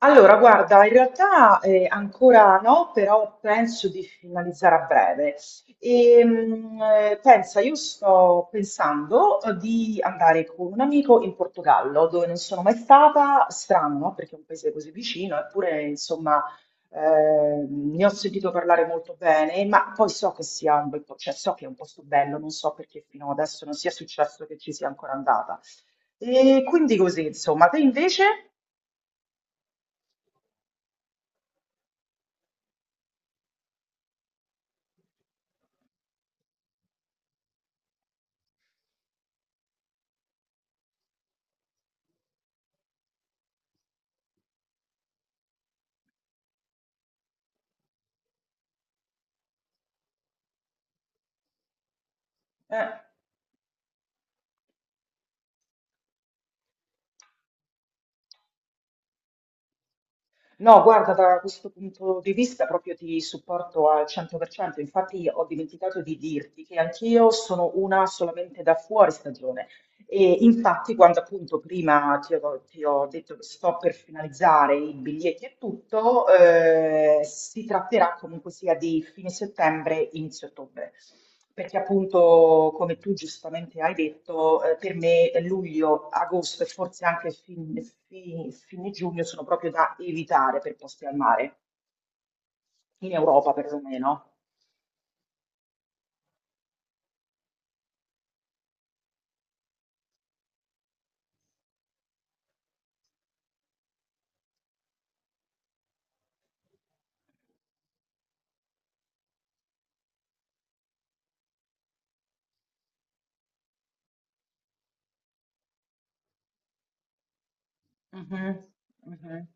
Allora, guarda, in realtà ancora no, però penso di finalizzare a breve. Io sto pensando di andare con un amico in Portogallo, dove non sono mai stata, strano, no? Perché è un paese così vicino, eppure, insomma, ne ho sentito parlare molto bene, ma poi so che sia un bel po', cioè so che è un posto bello, non so perché fino adesso non sia successo che ci sia ancora andata. E quindi così, insomma, te invece? Eh. No, guarda, da questo punto di vista proprio ti supporto al 100%, infatti ho dimenticato di dirti che anch'io sono una solamente da fuori stagione, e infatti, quando appunto prima ti ho detto che sto per finalizzare i biglietti e tutto, si tratterà comunque sia di fine settembre, inizio ottobre. Perché appunto, come tu giustamente hai detto, per me luglio, agosto e forse anche fine giugno sono proprio da evitare per posti al mare, in Europa perlomeno. Mhm, mhm.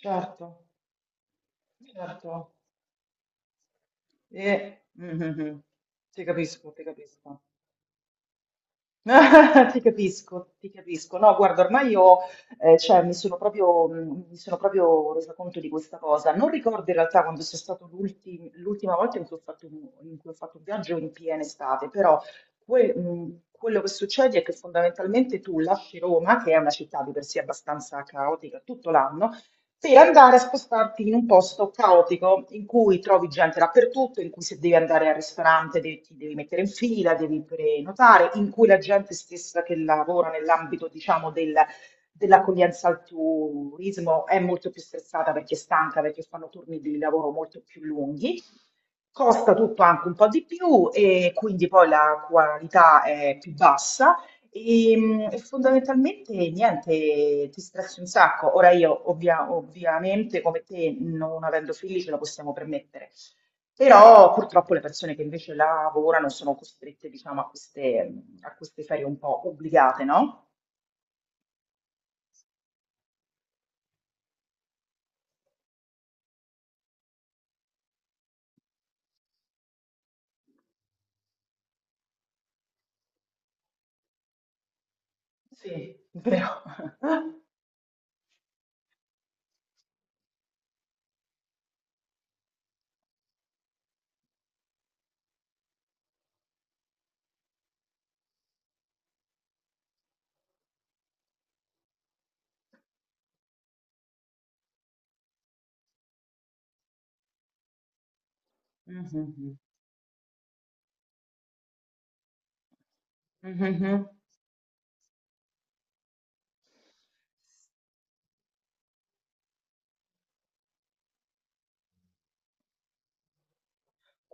Certo, certo. Eh, mm, mm, mm. Ti capisco, ti capisco. Ti capisco, ti capisco. No, guarda, ormai io cioè, mi sono proprio, mi sono proprio resa conto di questa cosa. Non ricordo in realtà quando sia stato l'ultima volta in cui ho fatto un viaggio in piena estate, però quello che succede è che fondamentalmente tu lasci Roma, che è una città di per sé abbastanza caotica tutto l'anno, per andare a spostarti in un posto caotico in cui trovi gente dappertutto, in cui se devi andare al ristorante ti devi mettere in fila, devi prenotare, in cui la gente stessa che lavora nell'ambito, diciamo, dell'accoglienza al turismo è molto più stressata perché è stanca, perché fanno turni di lavoro molto più lunghi. Costa tutto anche un po' di più e quindi poi la qualità è più bassa e fondamentalmente niente, ti stressi un sacco. Ora io ovviamente come te, non avendo figli, ce la possiamo permettere, però purtroppo le persone che invece lavorano sono costrette, diciamo, a queste ferie un po' obbligate, no? Sì. Però... Mhm, mhm, mhm.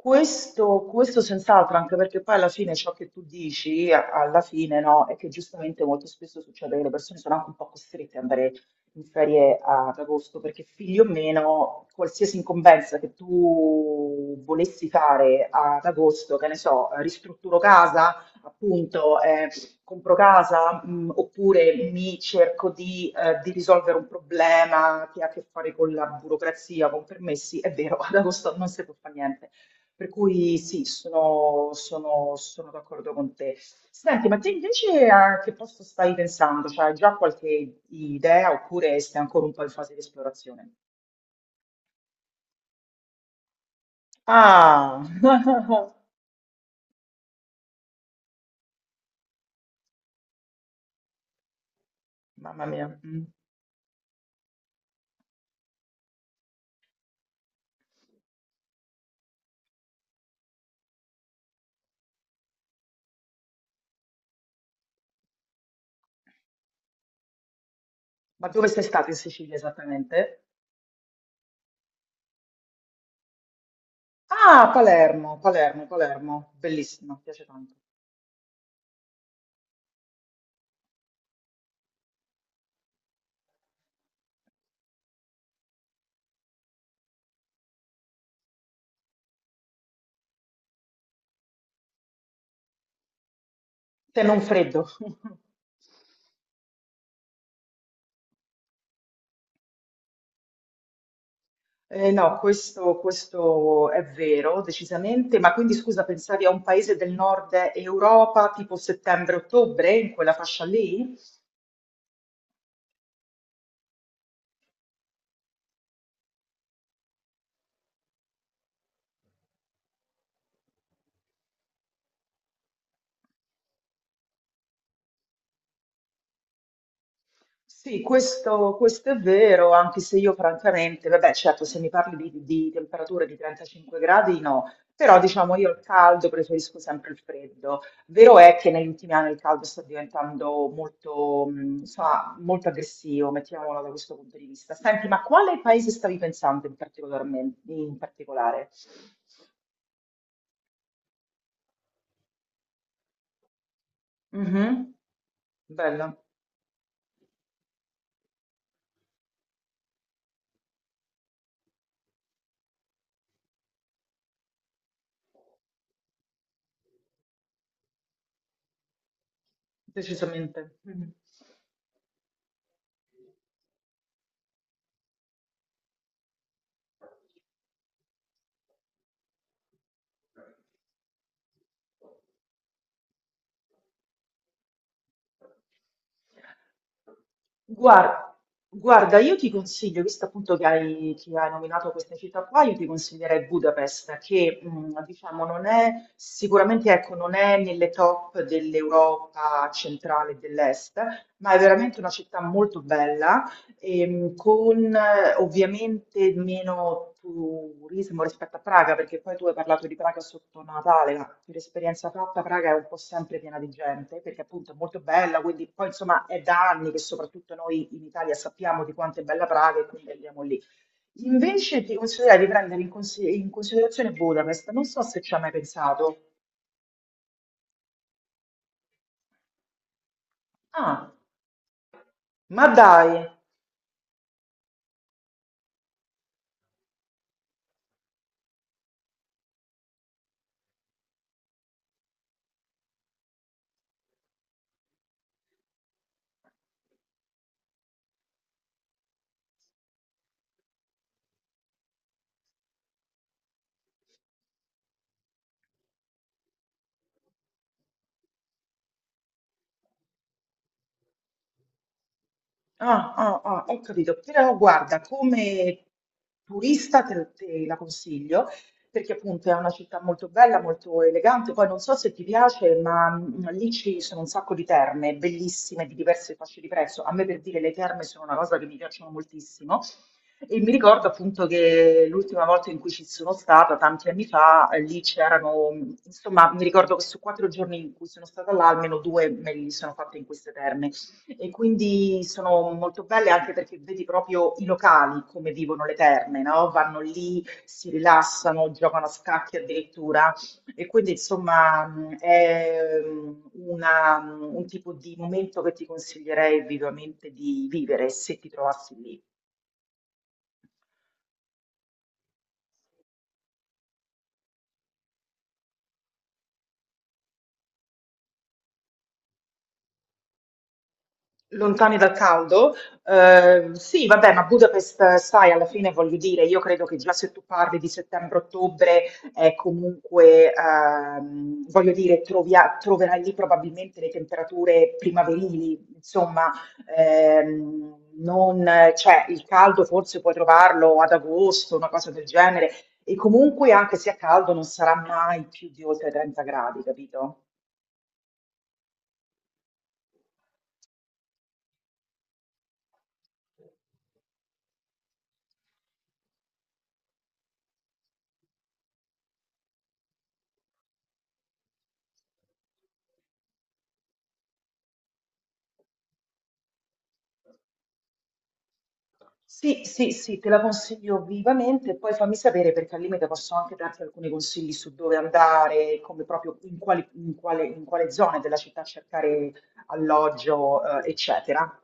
Questo senz'altro, anche perché poi alla fine ciò che tu dici, alla fine, no, è che giustamente molto spesso succede che le persone sono anche un po' costrette ad andare in ferie ad agosto, perché figli o meno, qualsiasi incombenza che tu volessi fare ad agosto, che ne so, ristrutturo casa, appunto, compro casa, oppure mi cerco di risolvere un problema che ha a che fare con la burocrazia, con permessi, è vero, ad agosto non si può fare niente. Per cui sì, sono d'accordo con te. Senti, ma te invece a che posto stai pensando? Cioè, hai già qualche idea oppure stai ancora un po' in fase di esplorazione? Ah, mamma mia. Mm. Ma dove sei stata in Sicilia esattamente? Ah, Palermo, Palermo, Palermo. Bellissima, piace tanto. Se non freddo. No, questo è vero, decisamente. Ma quindi scusa, pensavi a un paese del nord Europa tipo settembre-ottobre, in quella fascia lì? Sì, questo è vero, anche se io francamente, vabbè, certo, se mi parli di temperature di 35 gradi, no, però diciamo io il caldo preferisco sempre il freddo. Vero è che negli ultimi anni il caldo sta diventando molto, insomma, molto aggressivo, mettiamolo da questo punto di vista. Senti, ma quale paese stavi pensando in particolarmente, in particolare? Mhm. Bello, decisamente. Mhm. Guar- Guarda, io ti consiglio, visto appunto che che hai nominato queste città qua, io ti consiglierei Budapest, che diciamo non è sicuramente, ecco, non è nelle top dell'Europa centrale e dell'est, ma è veramente una città molto bella. Con ovviamente meno turismo rispetto a Praga, perché poi tu hai parlato di Praga sotto Natale, ma per esperienza fatta Praga è un po' sempre piena di gente, perché appunto è molto bella, quindi poi insomma è da anni che soprattutto noi in Italia sappiamo di quanto è bella Praga e quindi andiamo lì. Invece ti consiglierei di prendere in considerazione Budapest, non so se ci hai mai pensato. Ah, ma dai! Ah, ah, ah, ho capito, però guarda, come turista te la consiglio, perché appunto è una città molto bella, molto elegante, poi non so se ti piace, ma lì ci sono un sacco di terme, bellissime, di diverse fasce di prezzo, a me per dire le terme sono una cosa che mi piacciono moltissimo, e mi ricordo appunto che l'ultima volta in cui ci sono stata, tanti anni fa, lì c'erano, insomma, mi ricordo che su quattro giorni in cui sono stata là, almeno due me li sono fatte in queste terme. E quindi sono molto belle anche perché vedi proprio i locali come vivono le terme, no? Vanno lì, si rilassano, giocano a scacchi addirittura. E quindi insomma è un tipo di momento che ti consiglierei vivamente di vivere se ti trovassi lì. Lontani dal caldo? Sì, vabbè, ma Budapest, sai, alla fine voglio dire, io credo che già se tu parli di settembre-ottobre, è comunque, voglio dire, troverai lì probabilmente le temperature primaverili, insomma, ehm, non, cioè, il caldo forse puoi trovarlo ad agosto, una cosa del genere, e comunque anche se è caldo non sarà mai più di oltre 30 gradi, capito? Sì, sì, sì, te la consiglio vivamente, poi fammi sapere perché al limite posso anche darti alcuni consigli su dove andare, come proprio in quale zone della città cercare alloggio, eccetera.